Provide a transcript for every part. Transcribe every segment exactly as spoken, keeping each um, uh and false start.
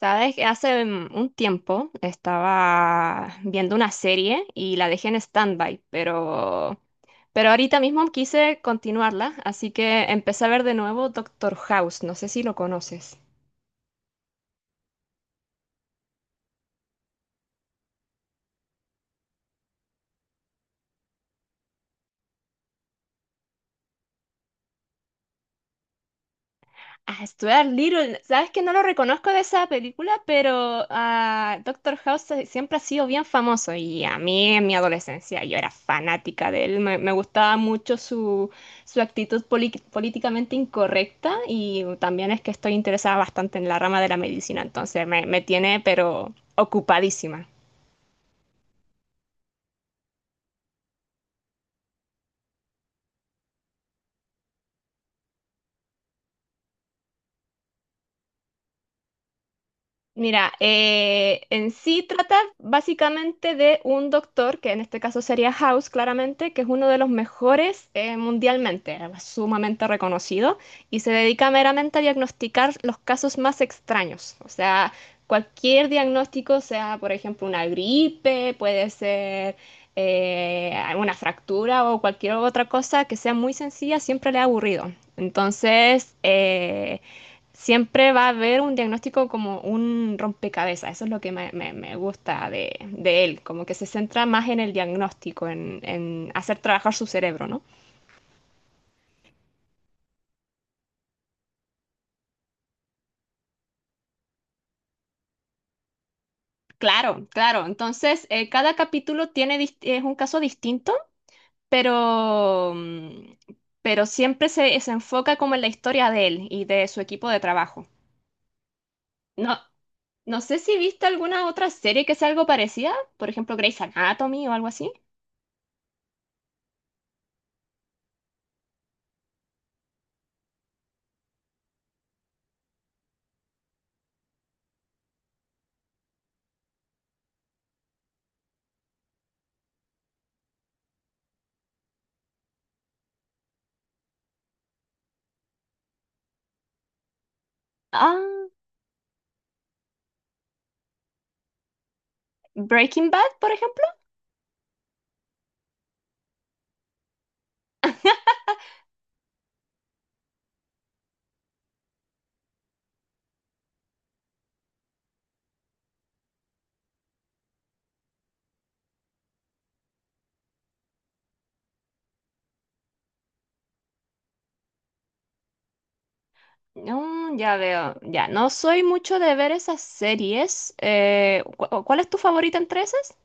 Sabes que hace mm, un tiempo estaba viendo una serie y la dejé en stand-by, pero, pero ahorita mismo quise continuarla, así que empecé a ver de nuevo Doctor House. No sé si lo conoces. A Stuart Little, sabes que no lo reconozco de esa película, pero ah, Doctor House eh, siempre ha sido bien famoso y a mí en mi adolescencia yo era fanática de él, me, me gustaba mucho su, su actitud poli- políticamente incorrecta y también es que estoy interesada bastante en la rama de la medicina, entonces me, me tiene pero ocupadísima. Mira, eh, en sí trata básicamente de un doctor, que en este caso sería House, claramente, que es uno de los mejores eh, mundialmente, eh, sumamente reconocido, y se dedica meramente a diagnosticar los casos más extraños. O sea, cualquier diagnóstico, sea por ejemplo una gripe, puede ser eh, una fractura o cualquier otra cosa que sea muy sencilla, siempre le ha aburrido. Entonces, eh, siempre va a haber un diagnóstico como un rompecabezas, eso es lo que me, me- me gusta de, de él, como que se centra más en el diagnóstico, en, en hacer trabajar su cerebro, ¿no? Claro, claro, entonces eh, cada capítulo tiene, dist- es un caso distinto, pero, mm, pero siempre se, se enfoca como en la historia de él y de su equipo de trabajo. No, no sé si viste alguna otra serie que sea algo parecida, por ejemplo Grey's Anatomy o algo así. Ah, Breaking Bad, por ejemplo. Mm, ya veo, ya, no soy mucho de ver esas series. eh, ¿cu- ¿cuál es tu favorita entre esas?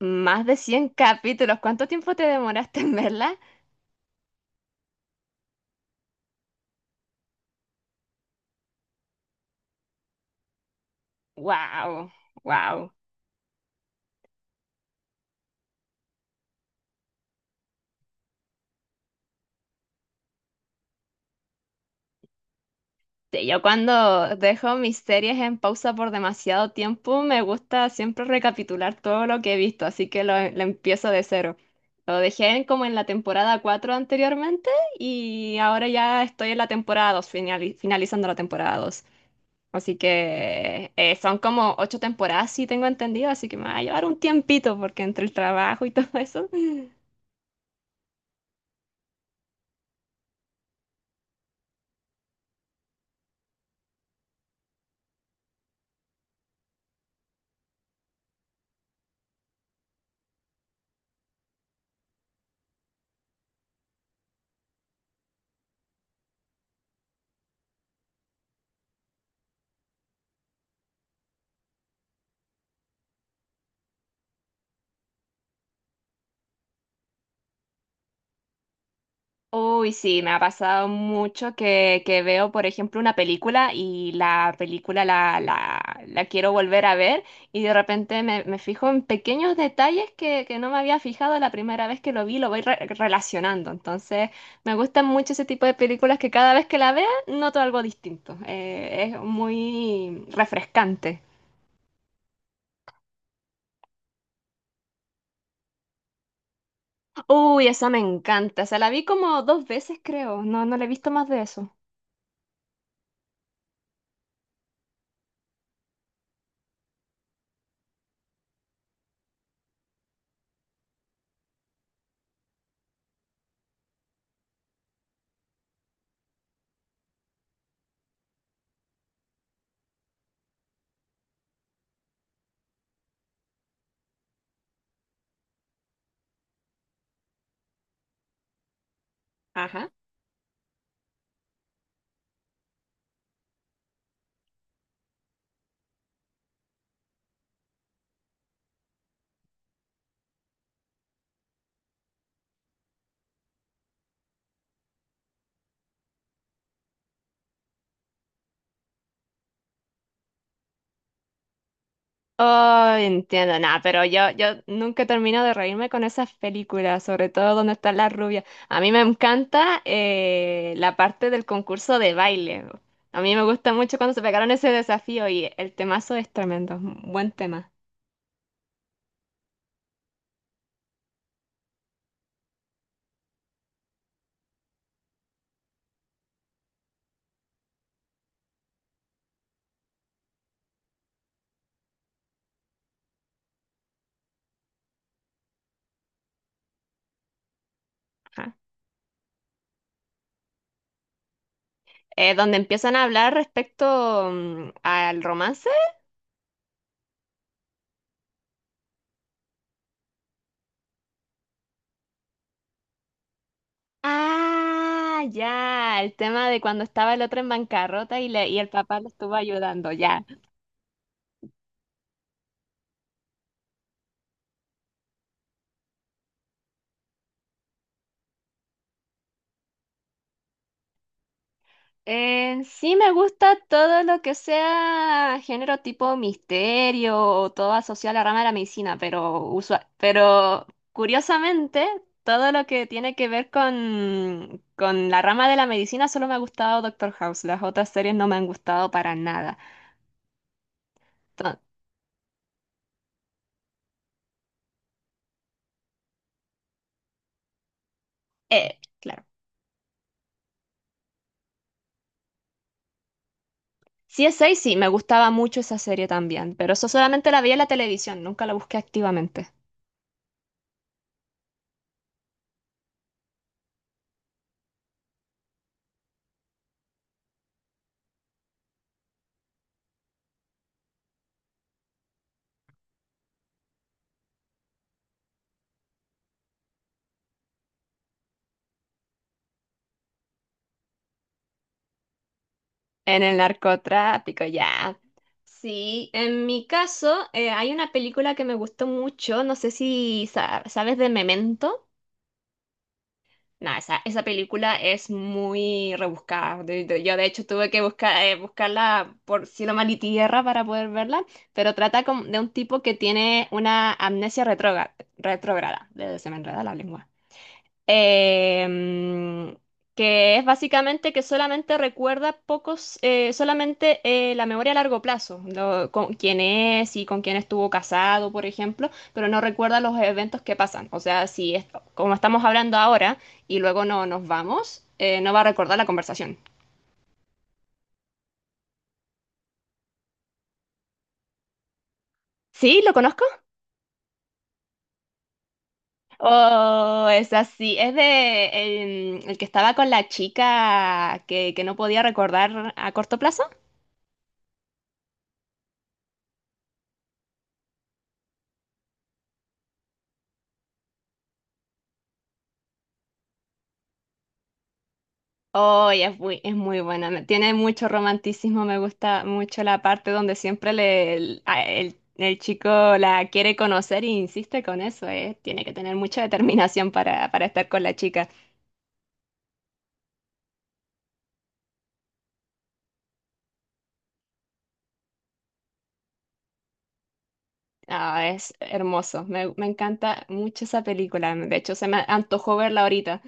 Más de cien capítulos, ¿cuánto tiempo te demoraste en verla? Wow, wow. Yo cuando dejo mis series en pausa por demasiado tiempo, me gusta siempre recapitular todo lo que he visto, así que lo, lo empiezo de cero. Lo dejé en- como en la temporada cuatro anteriormente y ahora ya estoy en la temporada dos finali- finalizando la temporada dos. Así que eh, son como ocho temporadas, sí tengo entendido, así que me va a llevar un tiempito porque entre el trabajo y todo eso. Uy, sí, me ha pasado mucho que, que veo, por ejemplo, una película y la película la, la, la quiero volver a ver y de repente me, me fijo en pequeños detalles que, que no me había fijado la primera vez que lo vi, lo voy re- relacionando. Entonces, me gustan mucho ese tipo de películas que cada vez que la vea noto algo distinto. Eh, es muy refrescante. Uy, esa me encanta. O sea, la vi como dos veces, creo. No, no la he visto más de eso. Ajá. Oh, entiendo, nada, pero yo, yo nunca termino de reírme con esas películas, sobre todo donde están las rubias. A mí me encanta eh, la parte del concurso de baile. A mí me gusta mucho cuando se pegaron ese desafío y el temazo es tremendo, buen tema. Ajá. Eh, donde empiezan a hablar respecto mm, al romance. Ah, ya, el tema de cuando estaba el otro en bancarrota y, le, y el papá lo estuvo ayudando, ya. Eh, sí, me gusta todo lo que sea género tipo misterio o todo asociado a la rama de la medicina, pero usual, pero curiosamente, todo lo que tiene que ver con, con la rama de la medicina solo me ha gustado Doctor House, las otras series no me han gustado para nada. Entonces, eh, claro. Si es seis, sí, me gustaba mucho esa serie también, pero eso solamente la vi en la televisión, nunca la busqué activamente. En el narcotráfico, ya. Sí, en mi caso, eh, hay una película que me gustó mucho, no sé si sa- sabes de Memento. No, esa, esa película es muy rebuscada. De- de- yo de hecho tuve que buscar, eh, buscarla por cielo, mar y tierra para poder verla, pero trata com- de un tipo que tiene una amnesia retrógra- retrógrada. de- Se me enreda la lengua. em, que es básicamente que solamente recuerda pocos, eh, solamente eh, la memoria a largo plazo, lo- con quién es y con quién estuvo casado, por ejemplo, pero no recuerda los eventos que pasan. O sea, si es- como estamos hablando ahora y luego no nos vamos, eh, no va a recordar la conversación. ¿Sí? ¿Lo conozco? Oh, es así. Es de em, el, que estaba con la chica que, que no podía recordar a corto plazo. Oh, y es muy, es muy buena. me- Tiene mucho romanticismo. Me gusta mucho la parte donde siempre le, el, a- el- el chico la quiere conocer e insiste con eso. eh, Tiene que tener mucha determinación para, para estar con la chica. Ah, es hermoso. Me, me encanta mucho esa película. De hecho, se me antojó verla ahorita.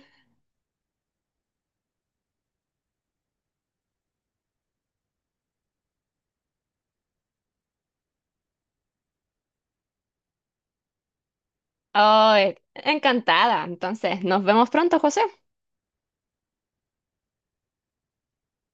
Oh, eh, encantada. Entonces, nos vemos pronto, José.